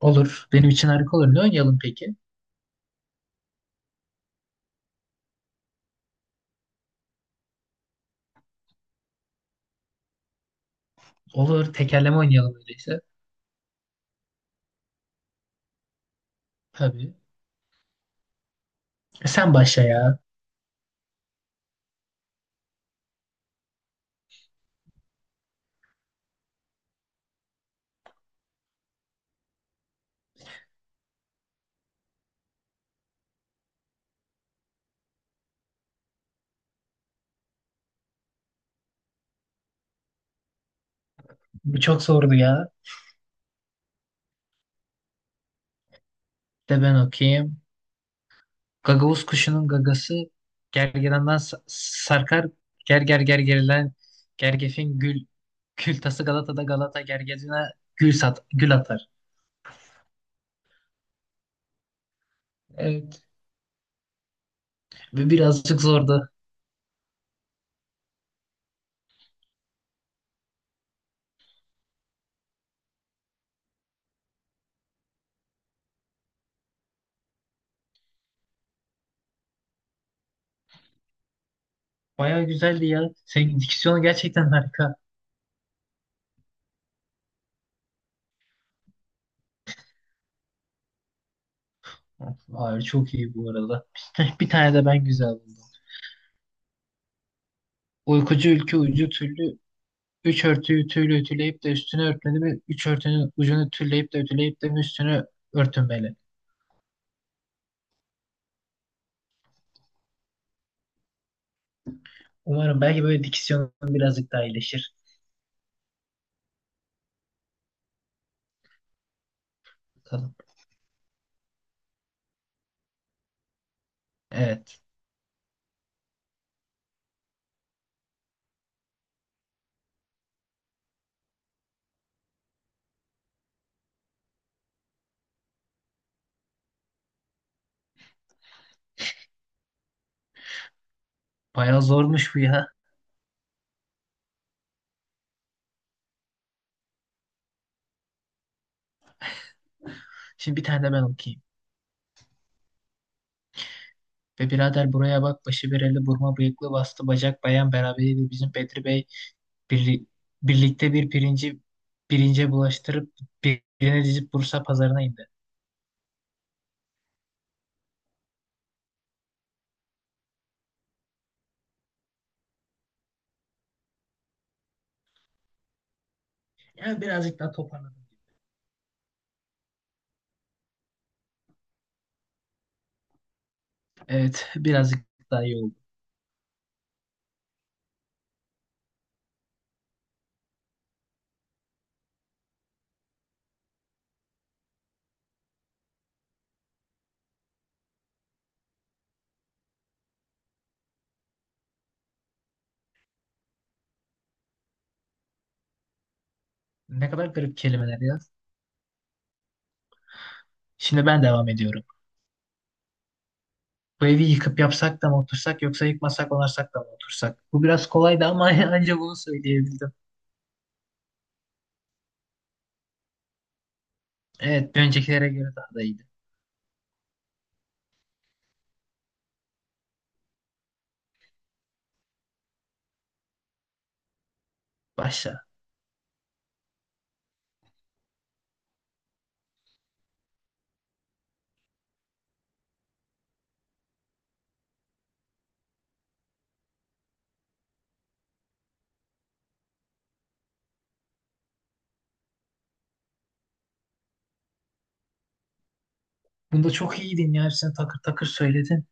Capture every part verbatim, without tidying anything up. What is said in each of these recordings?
Olur. Benim için harika olur. Ne oynayalım peki? Olur. Tekerleme oynayalım öyleyse. Tabii. E sen başla ya. Bu çok zordu ya. De ben okuyayım. Gagavuz kuşunun gagası gergedandan sa- sarkar. Ger ger ger gerilen gergefin gül kül tası Galata'da Galata gergecine gül sat gül atar. Evet. Ve birazcık zordu. Baya güzeldi ya. Senin diksiyonun gerçekten harika. Hayır, çok iyi bu arada. Bir tane de ben güzel buldum. Uykucu ülke uyucu türlü üç örtüyü tüyle ütüleyip de üstünü örtmeli mi? Üç örtünün ucunu tülleyip de ütüleyip de mi üstünü örtünmeli? Umarım belki böyle diksiyonum birazcık daha iyileşir. Bakalım. Evet. Bayağı zormuş bu ya. Şimdi bir tane de ben okuyayım. Ve birader buraya bak, başı bereli, burma bıyıklı, bastı bacak, bayan beraberiydi bizim Bedri Bey bir birlikte bir pirinci birince bulaştırıp birine dizip Bursa pazarına indi. Yani birazcık daha toparladım. Evet, birazcık daha iyi oldu. Ne kadar garip kelimeler ya. Şimdi ben devam ediyorum. Bu evi yıkıp yapsak da mı otursak, yoksa yıkmasak onarsak da mı otursak? Bu biraz kolaydı ama ancak bunu söyleyebildim. Evet, bir öncekilere göre daha da iyiydi. Başla. Bunda çok iyiydin ya. Hepsini takır takır söyledin.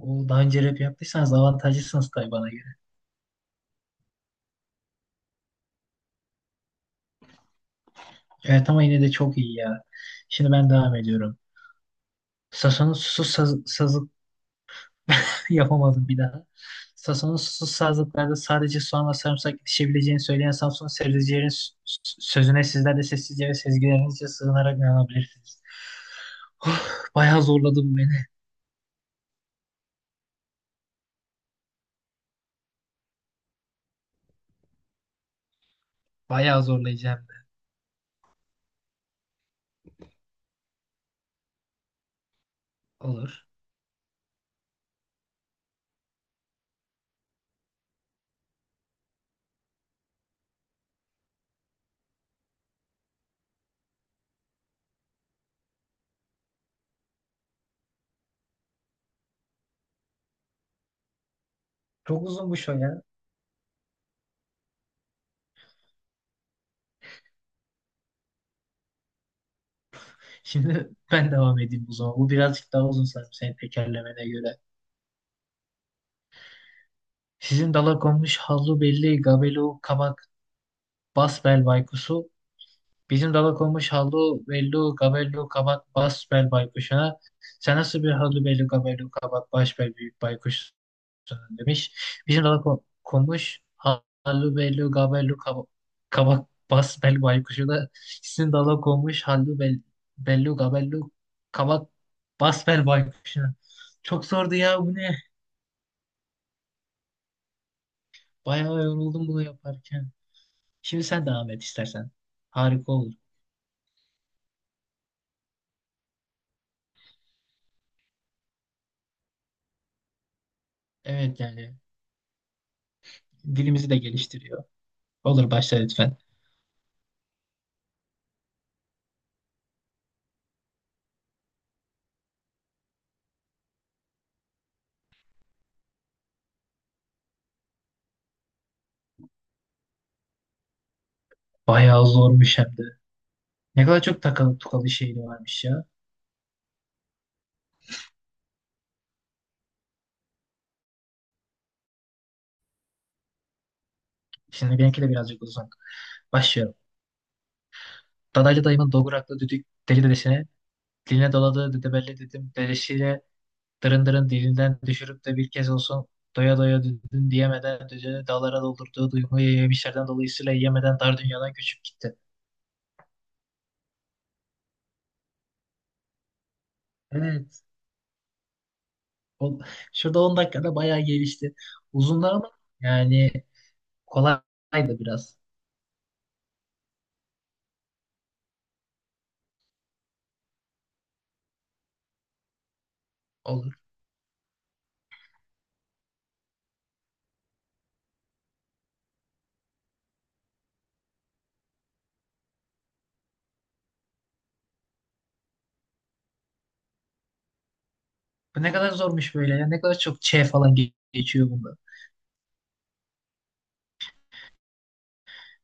O daha önce rap yaptıysanız avantajlısınız tabii bana göre. Evet ama yine de çok iyi ya. Şimdi ben devam ediyorum. Sason'un susuz saz, yapamadım bir daha. Sason'un susuz sazlıklarda sadece soğan ve sarımsak yetişebileceğini söyleyen Samsun sebzecilerin s- s- sözüne sizler de sessizce ve sezgilerinizce sığınarak inanabilirsiniz. Of, bayağı zorladım beni. Bayağı zorlayacağım da. Olur. Çok uzun bu şo ya. Şimdi ben devam edeyim o zaman. Bu birazcık daha uzun sanırım senin tekerlemene göre. Sizin dala konmuş hallu belli gabelu kabak basbel baykusu bizim dala konmuş hallu bellu gabellu kabat bas bel baykuşuna. Sen nasıl bir hallu bellu gabellu kabat baş bel büyük baykuşsun demiş. Bizim dala kon- konmuş hallu bellu gabellu kaba- kabak bas bel baykuşuna. Sizin dala konmuş hallu bel, bellu gabellu kabak bas bel baykuşuna. Çok zordu ya, bu ne? Bayağı yoruldum bunu yaparken. Şimdi sen devam et istersen. Harika olur. Evet, yani dilimizi de geliştiriyor. Olur, başla lütfen. Bayağı zormuş hem de. Ne kadar çok takalı tukalı şehri varmış ya. Şimdi benimki de birazcık uzun. Başlıyorum. Dadaylı dayımın doguraklı düdük deli dedesine, diline doladığı düdebelli dedim dedesiyle dırın dırın dilinden düşürüp de bir kez olsun doya doya düdün diyemeden düdüğünü dağlara doldurduğu duyguyu yemişlerden dolayısıyla yemeden dar dünyadan göçüp gitti. Evet. O, şurada on dakikada bayağı gelişti. Uzunlar ama yani kolaydı biraz. Olur. Bu ne kadar zormuş böyle ya. Ne kadar çok ç falan ge- geçiyor bunda.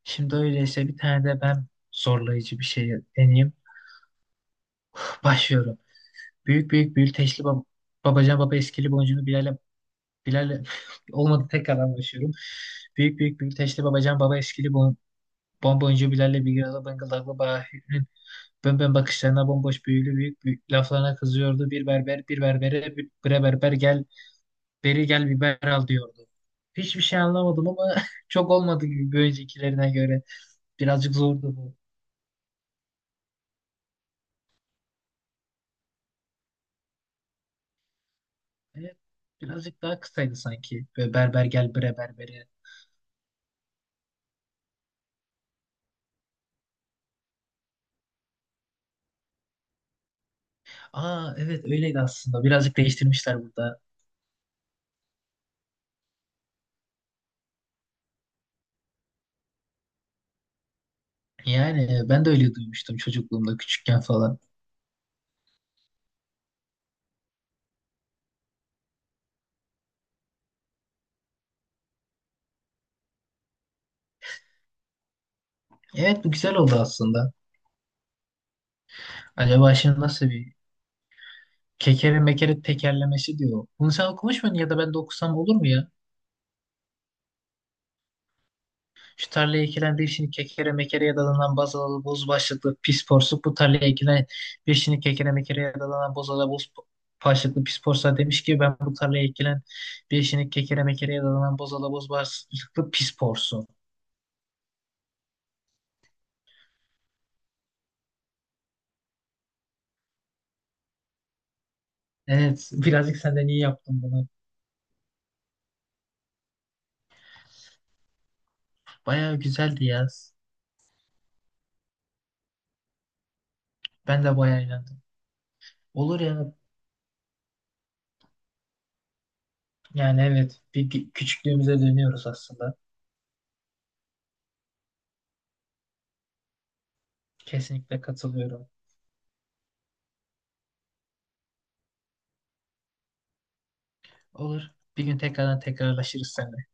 Şimdi öyleyse bir tane de ben zorlayıcı bir şey deneyeyim. Başlıyorum. Büyük büyük büyüteçli bab babacan baba eskili boncunu Bilal'e Bilal'e olmadı, tekrardan başlıyorum. Büyük büyük büyüteçli babacan baba eskili bon bonboncuğu Bilal'le bir arada bıngıldaklı Bahir'in bönbön bakışlarına bomboş büyülü büyük, büyük laflarına kızıyordu. Bir berber bir berbere bir bre berber gel beri gel biber al diyordu. Hiçbir şey anlamadım ama çok olmadı gibi bir öncekilerine göre. Birazcık zordu bu. Evet, birazcık daha kısaydı sanki. Böyle berber gel bre berbere. Aa, evet öyleydi aslında. Birazcık değiştirmişler burada. Yani e, ben de öyle duymuştum çocukluğumda küçükken falan. Evet, bu güzel oldu aslında. Acaba şimdi nasıl bir kekere mekere tekerlemesi diyor. Bunu sen okumuş muydun, ya da ben de okusam olur mu ya? Şu tarlaya ekilen bir şimdi kekere mekereye dalanan bazalalı boz başlıklı pis porsuk. Bu tarlaya ekilen bir şimdi kekere mekereye dalanan bozalalı boz başlıklı pis porsa demiş ki ben bu tarlaya ekilen bir şimdi kekere mekereye dalanan bozalalı boz başlıklı pis porsu. Evet, birazcık senden iyi yaptım bunu. Bayağı güzeldi ya. Ben de bayağı eğlendim. Olur ya. Yani evet, bir kü- küçüklüğümüze dönüyoruz aslında. Kesinlikle katılıyorum. Olur. Bir gün tekrardan tekrarlaşırız seninle.